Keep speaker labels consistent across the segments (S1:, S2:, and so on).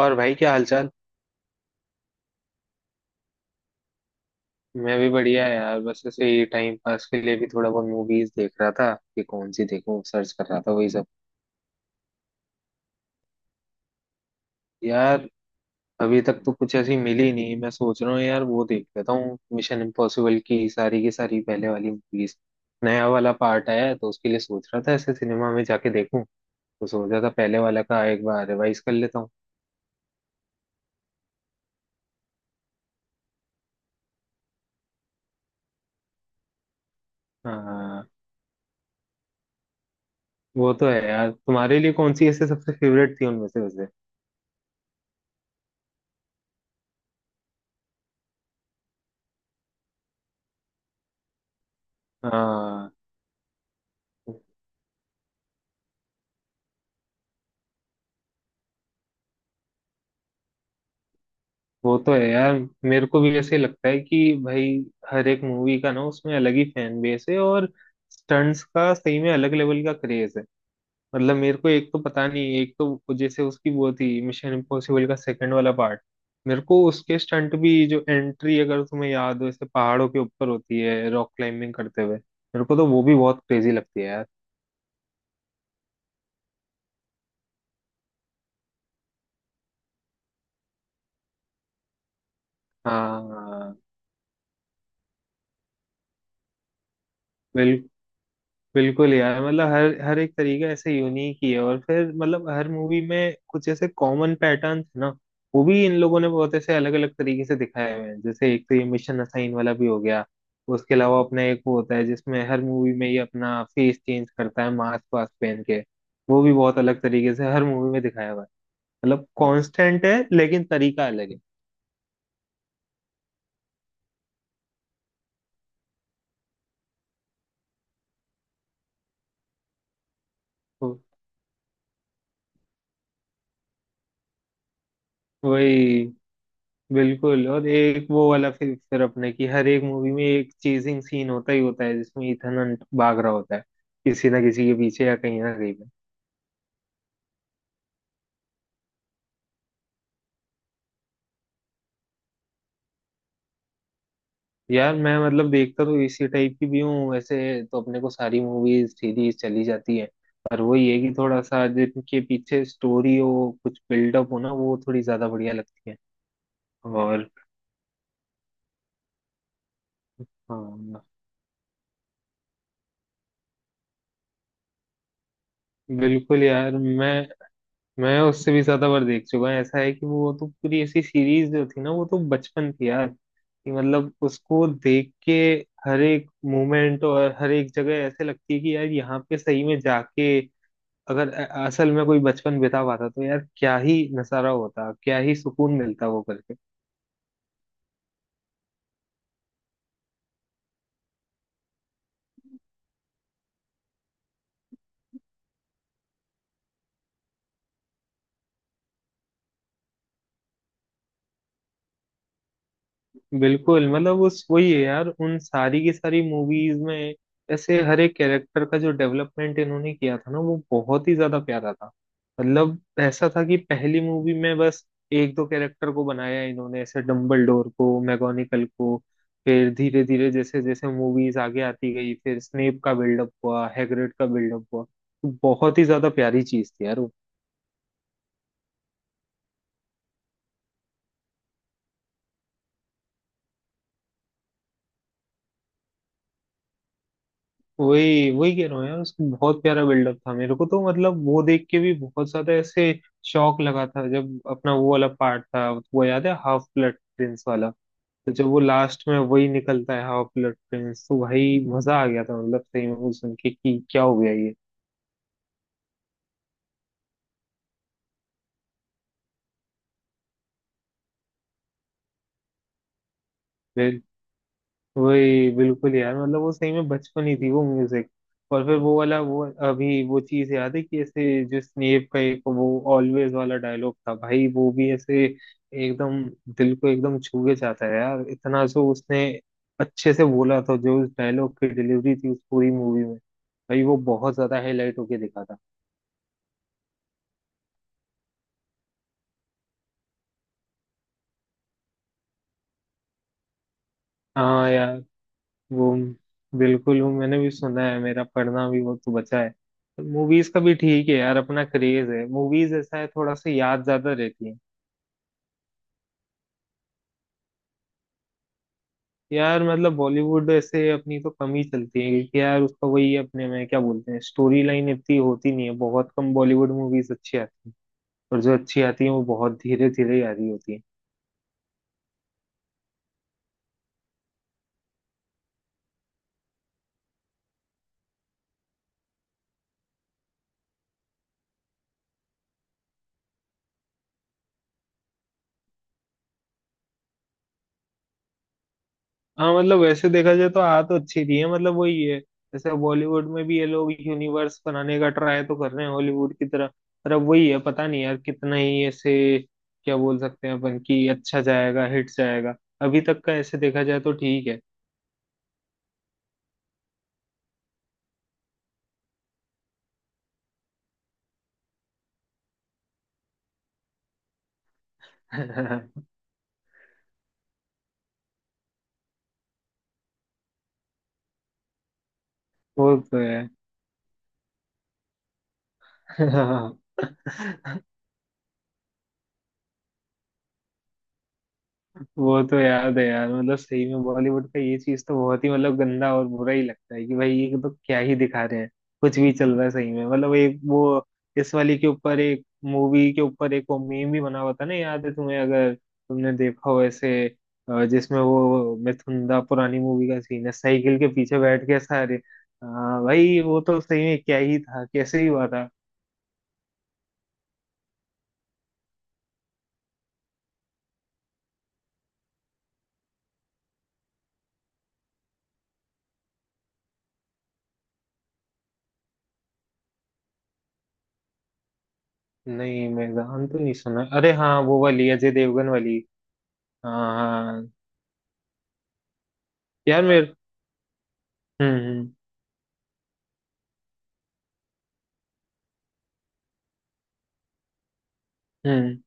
S1: और भाई, क्या हालचाल। मैं भी बढ़िया है यार। बस ऐसे ही टाइम पास के लिए भी थोड़ा बहुत मूवीज देख रहा था कि कौन सी देखूं, सर्च कर रहा था, वही सब। यार, अभी तक तो कुछ ऐसी मिली नहीं। मैं सोच रहा हूँ यार, वो देख लेता हूँ मिशन इम्पॉसिबल की सारी पहले वाली मूवीज। नया वाला पार्ट आया है तो उसके लिए सोच रहा था ऐसे सिनेमा में जाके देखूं। तो सोचा था पहले वाला का एक बार रिवाइज कर लेता हूँ। हाँ, वो तो है यार। तुम्हारे लिए कौन सी ऐसे सबसे फेवरेट थी उनमें से वैसे? हाँ, वो तो है यार। मेरे को भी ऐसे ही लगता है कि भाई, हर एक मूवी का ना उसमें अलग ही फैन बेस है और स्टंट्स का सही में अलग लेवल का क्रेज है। मतलब मेरे को, एक तो पता नहीं, एक तो जैसे उसकी वो थी मिशन इम्पॉसिबल का सेकंड वाला पार्ट। मेरे को उसके स्टंट भी, जो एंट्री अगर तुम्हें याद हो ऐसे पहाड़ों के ऊपर होती है रॉक क्लाइंबिंग करते हुए, मेरे को तो वो भी बहुत क्रेजी लगती है यार। हाँ, बिल्कुल। बिल्कुल यार, मतलब हर हर एक तरीका ऐसे यूनिक ही है। और फिर मतलब हर मूवी में कुछ ऐसे कॉमन पैटर्न है ना, वो भी इन लोगों ने बहुत ऐसे अलग अलग तरीके से दिखाए हुए हैं। जैसे एक तो ये मिशन असाइन वाला भी हो गया, उसके अलावा अपना एक वो होता है जिसमें हर मूवी में ये अपना फेस चेंज करता है मास्क वास्क पहन के। वो भी बहुत अलग तरीके से हर मूवी में दिखाया हुआ है। मतलब कांस्टेंट है लेकिन तरीका अलग है। तो वही, बिल्कुल। और एक वो वाला, फिर अपने की हर एक मूवी में एक चेजिंग सीन होता ही होता है जिसमें ईथन हंट भाग रहा होता है किसी ना किसी के पीछे या कहीं ना कहीं पे। यार मैं, मतलब देखता तो इसी टाइप की भी हूँ वैसे। तो अपने को सारी मूवीज सीरीज चली जाती है। पर वही है कि थोड़ा सा जिनके पीछे स्टोरी हो, कुछ बिल्डअप हो ना, वो थोड़ी ज्यादा बढ़िया लगती है। और हाँ, बिल्कुल यार। मैं उससे भी ज्यादा बार देख चुका हूँ। ऐसा है कि वो तो पूरी ऐसी सीरीज जो थी ना, वो तो बचपन थी यार। कि मतलब उसको देख के हर एक मोमेंट और हर एक जगह ऐसे लगती है कि यार, यहाँ पे सही में जाके अगर असल में कोई बचपन बिता पाता तो यार क्या ही नजारा होता, क्या ही सुकून मिलता वो करके। बिल्कुल, मतलब उस वही है यार, उन सारी की सारी मूवीज में ऐसे हर एक कैरेक्टर का जो डेवलपमेंट इन्होंने किया था ना, वो बहुत ही ज्यादा प्यारा था। मतलब ऐसा था कि पहली मूवी में बस एक दो कैरेक्टर को बनाया इन्होंने, ऐसे डम्बलडोर को, मैगोनिकल को। फिर धीरे धीरे जैसे जैसे मूवीज आगे आती गई, फिर स्नेप का बिल्डअप हुआ, हैग्रिड का बिल्डअप हुआ। तो बहुत ही ज्यादा प्यारी चीज थी यार वो। वही वही कह रहा हूँ यार, उसका बहुत प्यारा बिल्डअप था। मेरे को तो मतलब वो देख के भी बहुत ज्यादा ऐसे शौक लगा था जब अपना वो वाला पार्ट था। वो याद है हाफ ब्लड प्रिंस वाला? तो जब वो लास्ट में वही निकलता है हाफ ब्लड प्रिंस, तो भाई मजा आ गया था। मतलब सही में वो सुन के कि क्या हो गया। ये वही, बिल्कुल यार। मतलब वो सही में बचपन ही थी वो म्यूजिक। और फिर वो वाला वो, अभी वो चीज याद है कि ऐसे जो स्नेप का एक वो ऑलवेज वाला डायलॉग था भाई, वो भी ऐसे एकदम दिल को एकदम छू के जाता है यार। इतना जो उसने अच्छे से बोला था, जो उस डायलॉग की डिलीवरी थी उस पूरी मूवी में, भाई वो बहुत ज्यादा हाईलाइट होके दिखा था। हाँ यार, वो बिल्कुल। वो मैंने भी सुना है, मेरा पढ़ना भी वो तो बचा है। मूवीज का भी ठीक है यार, अपना क्रेज है। मूवीज ऐसा है थोड़ा सा याद ज्यादा रहती है। यार मतलब बॉलीवुड ऐसे अपनी तो कम ही चलती है, क्योंकि यार उसका वही अपने में क्या बोलते हैं, स्टोरी लाइन इतनी होती नहीं है। बहुत कम बॉलीवुड मूवीज अच्छी आती है, और जो अच्छी आती है वो बहुत धीरे धीरे ही आ रही होती है। हाँ, मतलब वैसे देखा जाए तो आ तो अच्छी रही है। मतलब वही है, जैसे बॉलीवुड में भी ये लोग यूनिवर्स बनाने का ट्राई तो कर रहे हैं हॉलीवुड की तरह। पर अब वही है, पता नहीं यार कितना ही ऐसे क्या बोल सकते हैं अपन कि अच्छा जाएगा, हिट जाएगा। अभी तक का ऐसे देखा जाए तो ठीक है। वो तो है। वो तो याद है यार, मतलब सही में बॉलीवुड का ये चीज तो बहुत ही मतलब गंदा और बुरा ही लगता है कि भाई ये तो क्या ही दिखा रहे हैं। कुछ भी चल रहा है सही में। मतलब एक वो, इस वाली के ऊपर, एक मूवी के ऊपर एक वो मीम भी बना हुआ था ना, याद है तुम्हें? अगर तुमने देखा हो ऐसे, जिसमें वो मिथुंदा पुरानी मूवी का सीन है, साइकिल के पीछे बैठ के सारे। हाँ भाई, वो तो सही में क्या ही था, कैसे ही हुआ था। नहीं, मैदान तो नहीं सुना। अरे हाँ, वो वाली अजय देवगन वाली। हाँ हाँ यार। मेरे हम्म, हम्म।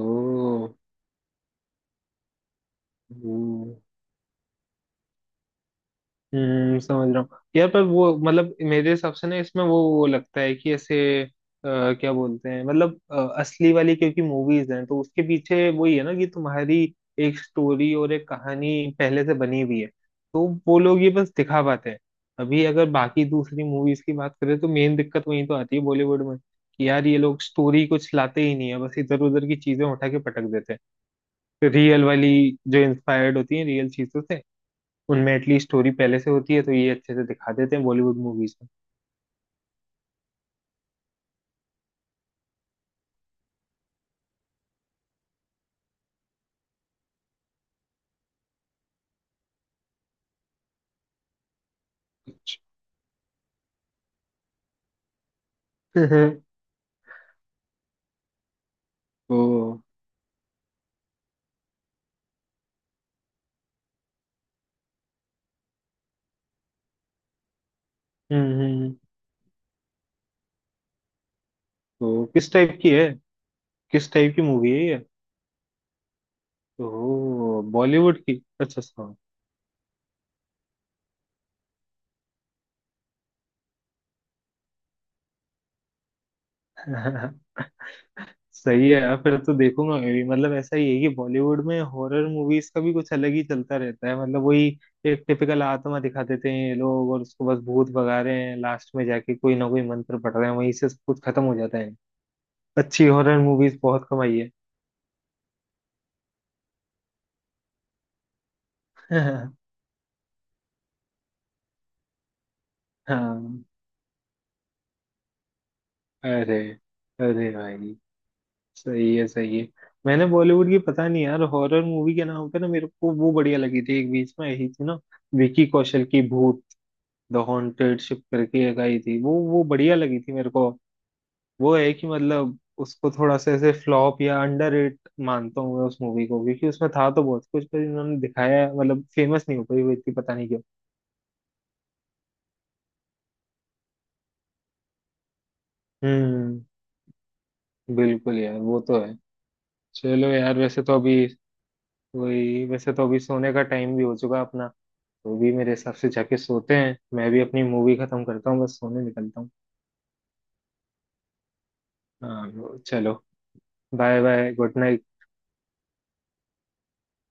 S1: ओ। हम्म, समझ रहा हूँ यार। पर वो, मतलब मेरे हिसाब से ना इसमें वो लगता है कि ऐसे क्या बोलते हैं, मतलब असली वाली। क्योंकि मूवीज हैं तो उसके पीछे वही है ना, कि तुम्हारी एक स्टोरी और एक कहानी पहले से बनी हुई है। तो वो लोग ये बस दिखा पाते हैं। अभी अगर बाकी दूसरी मूवीज की बात करें तो मेन दिक्कत वही तो आती है बॉलीवुड में, कि यार ये लोग स्टोरी कुछ लाते ही नहीं है, बस इधर उधर की चीजें उठा के पटक देते हैं। रियल वाली जो इंस्पायर्ड होती है रियल चीजों से, उनमें एटलीस्ट स्टोरी पहले से होती है तो ये अच्छे से दिखा देते हैं बॉलीवुड मूवीज। अच्छा, में अच्छा। तो हम्म, हम्म। तो किस टाइप की मूवी है ये? तो बॉलीवुड की अच्छा सॉन्ग। सही है यार। फिर तो देखूंगा मैं भी। मतलब ऐसा ही है कि बॉलीवुड में हॉरर मूवीज का भी कुछ अलग ही चलता रहता है। मतलब वही, एक टिपिकल आत्मा दिखा देते हैं ये लोग और उसको बस भूत भगा रहे हैं। लास्ट में जाके कोई ना कोई मंत्र पढ़ रहे हैं, वहीं से सब कुछ खत्म हो जाता है। अच्छी हॉरर मूवीज बहुत कम आई है। हाँ। अरे, अरे भाई, सही है, सही है। मैंने बॉलीवुड की, पता नहीं यार, हॉरर मूवी के नाम पे ना मेरे को वो बढ़िया लगी थी एक बीच में आई थी ना, विकी कौशल की भूत द हॉन्टेड शिप करके एक आई थी, वो बढ़िया लगी थी मेरे को। वो है कि मतलब उसको थोड़ा सा ऐसे फ्लॉप या अंडररेट मानता हूँ मैं उस मूवी को, क्योंकि उसमें था तो बहुत कुछ पर इन्होंने दिखाया, मतलब फेमस नहीं हो पाई वो इतनी, पता नहीं क्यों। हम्म, बिल्कुल यार, वो तो है। चलो यार, वैसे तो अभी सोने का टाइम भी हो चुका अपना। तो भी मेरे हिसाब से जाके सोते हैं। मैं भी अपनी मूवी खत्म करता हूँ, बस सोने निकलता हूँ। हाँ चलो, बाय बाय, गुड नाइट।